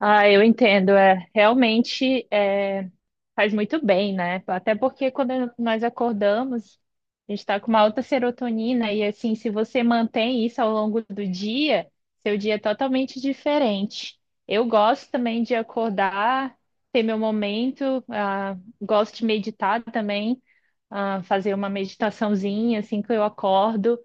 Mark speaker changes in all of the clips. Speaker 1: Ah, eu entendo. É, realmente é, faz muito bem, né? Até porque quando nós acordamos, a gente está com uma alta serotonina e assim, se você mantém isso ao longo do dia, seu dia é totalmente diferente. Eu gosto também de acordar, ter meu momento, gosto de meditar também, fazer uma meditaçãozinha assim que eu acordo.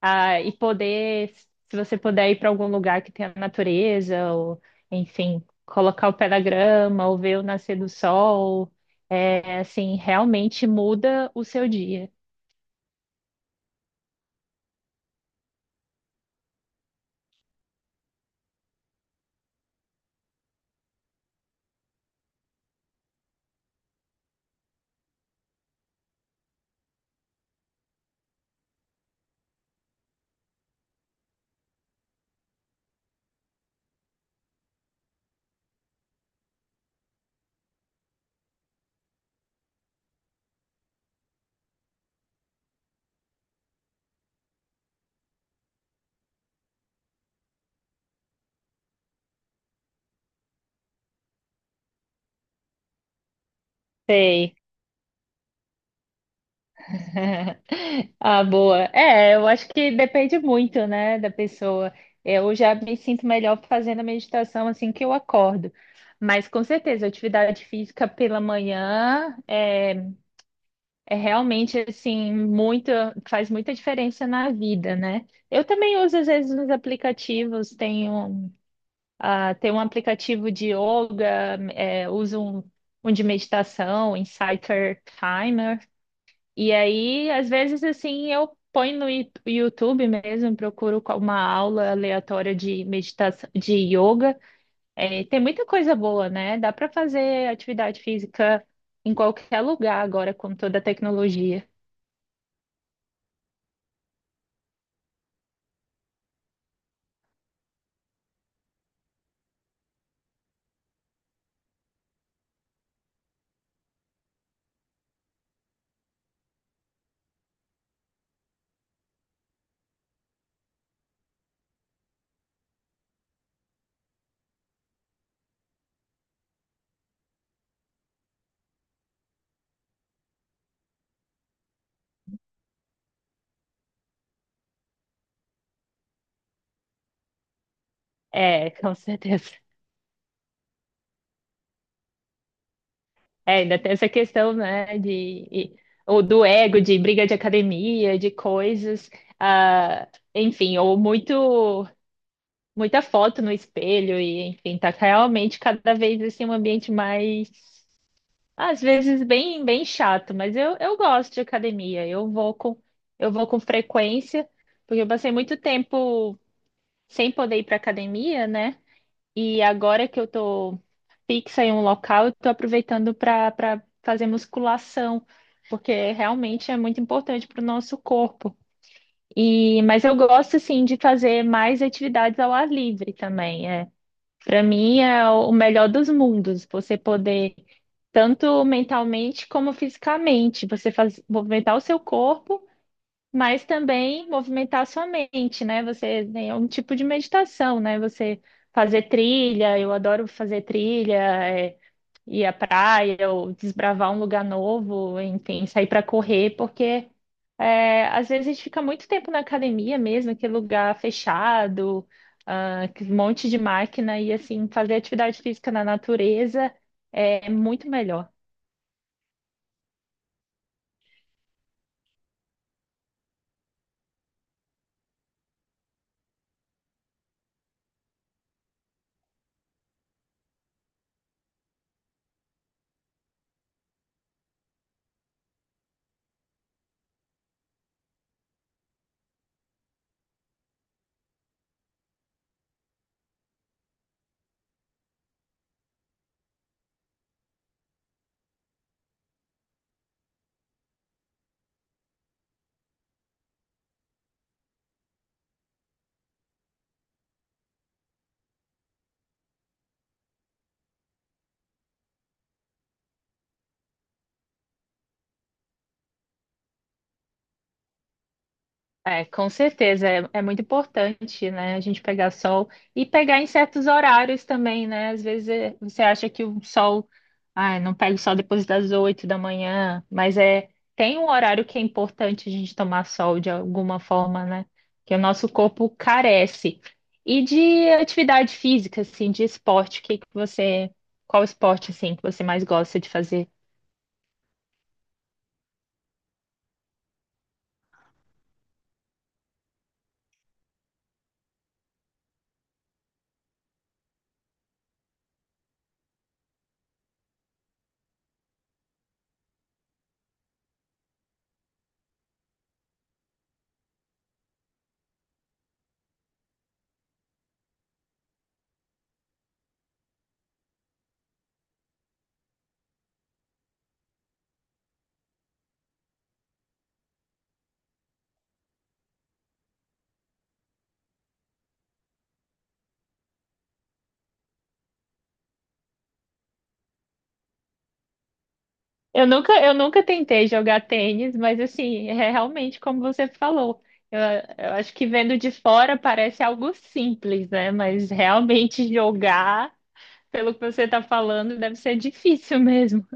Speaker 1: Ah, e poder, se você puder ir para algum lugar que tenha natureza, ou enfim, colocar o pé na grama, ou ver o nascer do sol, é assim, realmente muda o seu dia. Sei. Ah, boa. É, eu acho que depende muito, né, da pessoa. Eu já me sinto melhor fazendo a meditação assim que eu acordo. Mas com certeza, atividade física pela manhã é realmente assim, muita, faz muita diferença na vida, né? Eu também uso às vezes nos aplicativos, tenho, tenho um aplicativo de yoga, é, uso um, um de meditação, um Insighter Timer, e aí às vezes assim eu ponho no YouTube mesmo, uma aula aleatória de meditação, de yoga. É, tem muita coisa boa, né? Dá para fazer atividade física em qualquer lugar agora com toda a tecnologia. É, com certeza. É, ainda tem essa questão, né, e- ou do ego, de briga de academia, de coisas, ah, enfim, ou muito, muita foto no espelho, e enfim, tá realmente cada vez assim um ambiente mais, às vezes bem, bem chato, mas eu gosto de academia, eu vou com frequência, porque eu passei muito tempo sem poder ir para academia, né, e agora que eu tô fixa em um local, eu estou aproveitando para fazer musculação, porque realmente é muito importante para o nosso corpo. E, mas eu gosto assim de fazer mais atividades ao ar livre também. É. Para mim é o melhor dos mundos, você poder tanto mentalmente como fisicamente, você faz, movimentar o seu corpo, mas também movimentar a sua mente, né? Você tem um tipo de meditação, né? Você fazer trilha, eu adoro fazer trilha, é, ir à praia ou desbravar um lugar novo, enfim, sair para correr, porque é, às vezes a gente fica muito tempo na academia mesmo, aquele lugar fechado, um monte de máquina, e assim, fazer atividade física na natureza é muito melhor. É, com certeza, é, é muito importante, né, a gente pegar sol e pegar em certos horários também, né? Você acha que o sol, ai, não pega o sol depois das 8 da manhã, mas é tem um horário que é importante a gente tomar sol de alguma forma, né? Que o nosso corpo carece. E de atividade física, assim, de esporte, o que que você, qual esporte assim que você mais gosta de fazer? Eu nunca tentei jogar tênis, mas assim, é realmente como você falou. Eu, eu acho que vendo de fora parece algo simples, né? Mas realmente jogar, pelo que você está falando, deve ser difícil mesmo.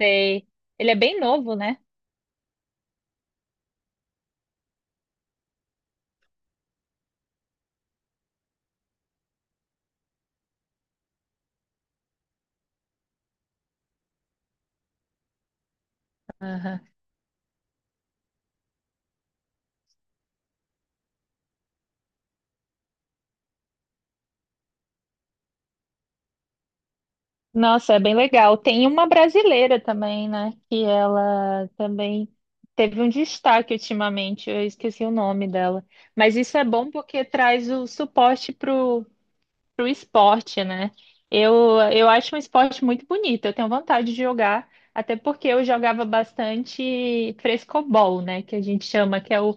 Speaker 1: Sei. Ele é bem novo, né? Aham. Nossa, é bem legal. Tem uma brasileira também, né? Que ela também teve um destaque ultimamente. Eu esqueci o nome dela. Mas isso é bom porque traz o suporte pro esporte, né? Eu acho um esporte muito bonito, eu tenho vontade de jogar, até porque eu jogava bastante frescobol, né? Que a gente chama,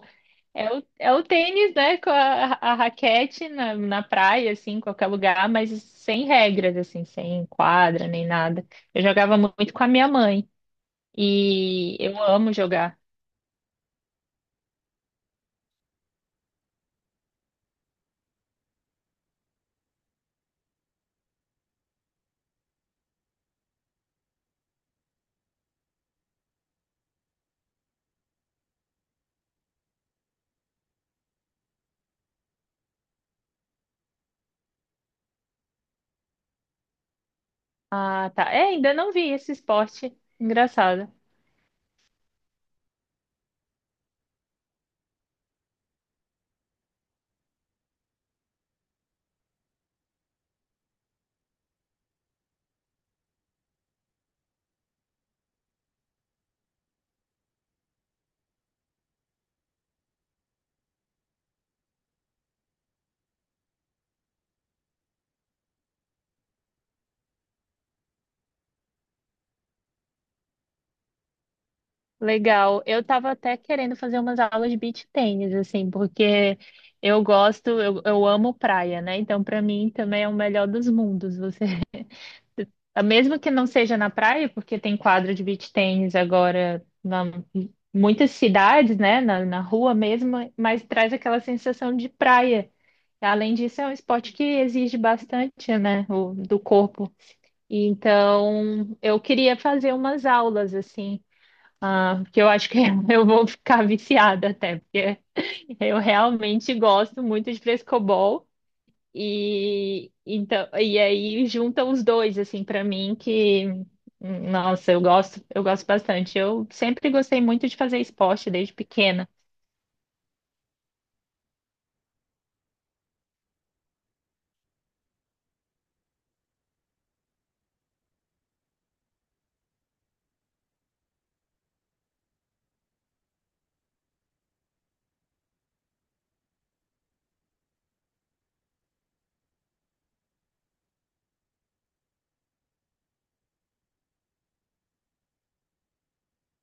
Speaker 1: é o tênis, né? Com a raquete na, na praia, assim, em qualquer lugar, mas sem regras, assim, sem quadra nem nada. Eu jogava muito com a minha mãe e eu amo jogar. Ah, tá. É, ainda não vi esse esporte. Engraçado. Legal. Eu tava até querendo fazer umas aulas de beach tênis, assim, porque eu gosto, eu amo praia, né? Então, para mim, também é o melhor dos mundos. Você, mesmo que não seja na praia, porque tem quadro de beach tênis agora na muitas cidades, né? Na, na rua mesmo, mas traz aquela sensação de praia. Além disso, é um esporte que exige bastante, né? O, do corpo. Então, eu queria fazer umas aulas, assim. Ah, porque eu acho que eu vou ficar viciada até, porque eu realmente gosto muito de frescobol e então e aí juntam os dois assim para mim que nossa, eu gosto bastante. Eu sempre gostei muito de fazer esporte desde pequena.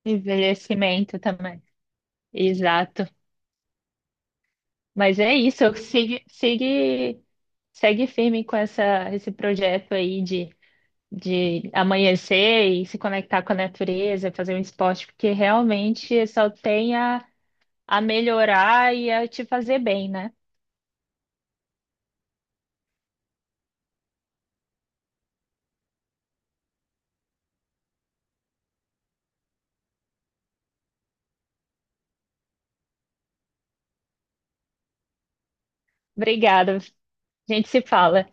Speaker 1: Envelhecimento também. Exato. Mas é isso, sigue, segue firme com essa esse projeto aí de amanhecer e se conectar com a natureza, fazer um esporte, porque realmente só tem a melhorar e a te fazer bem, né? Obrigada. A gente se fala.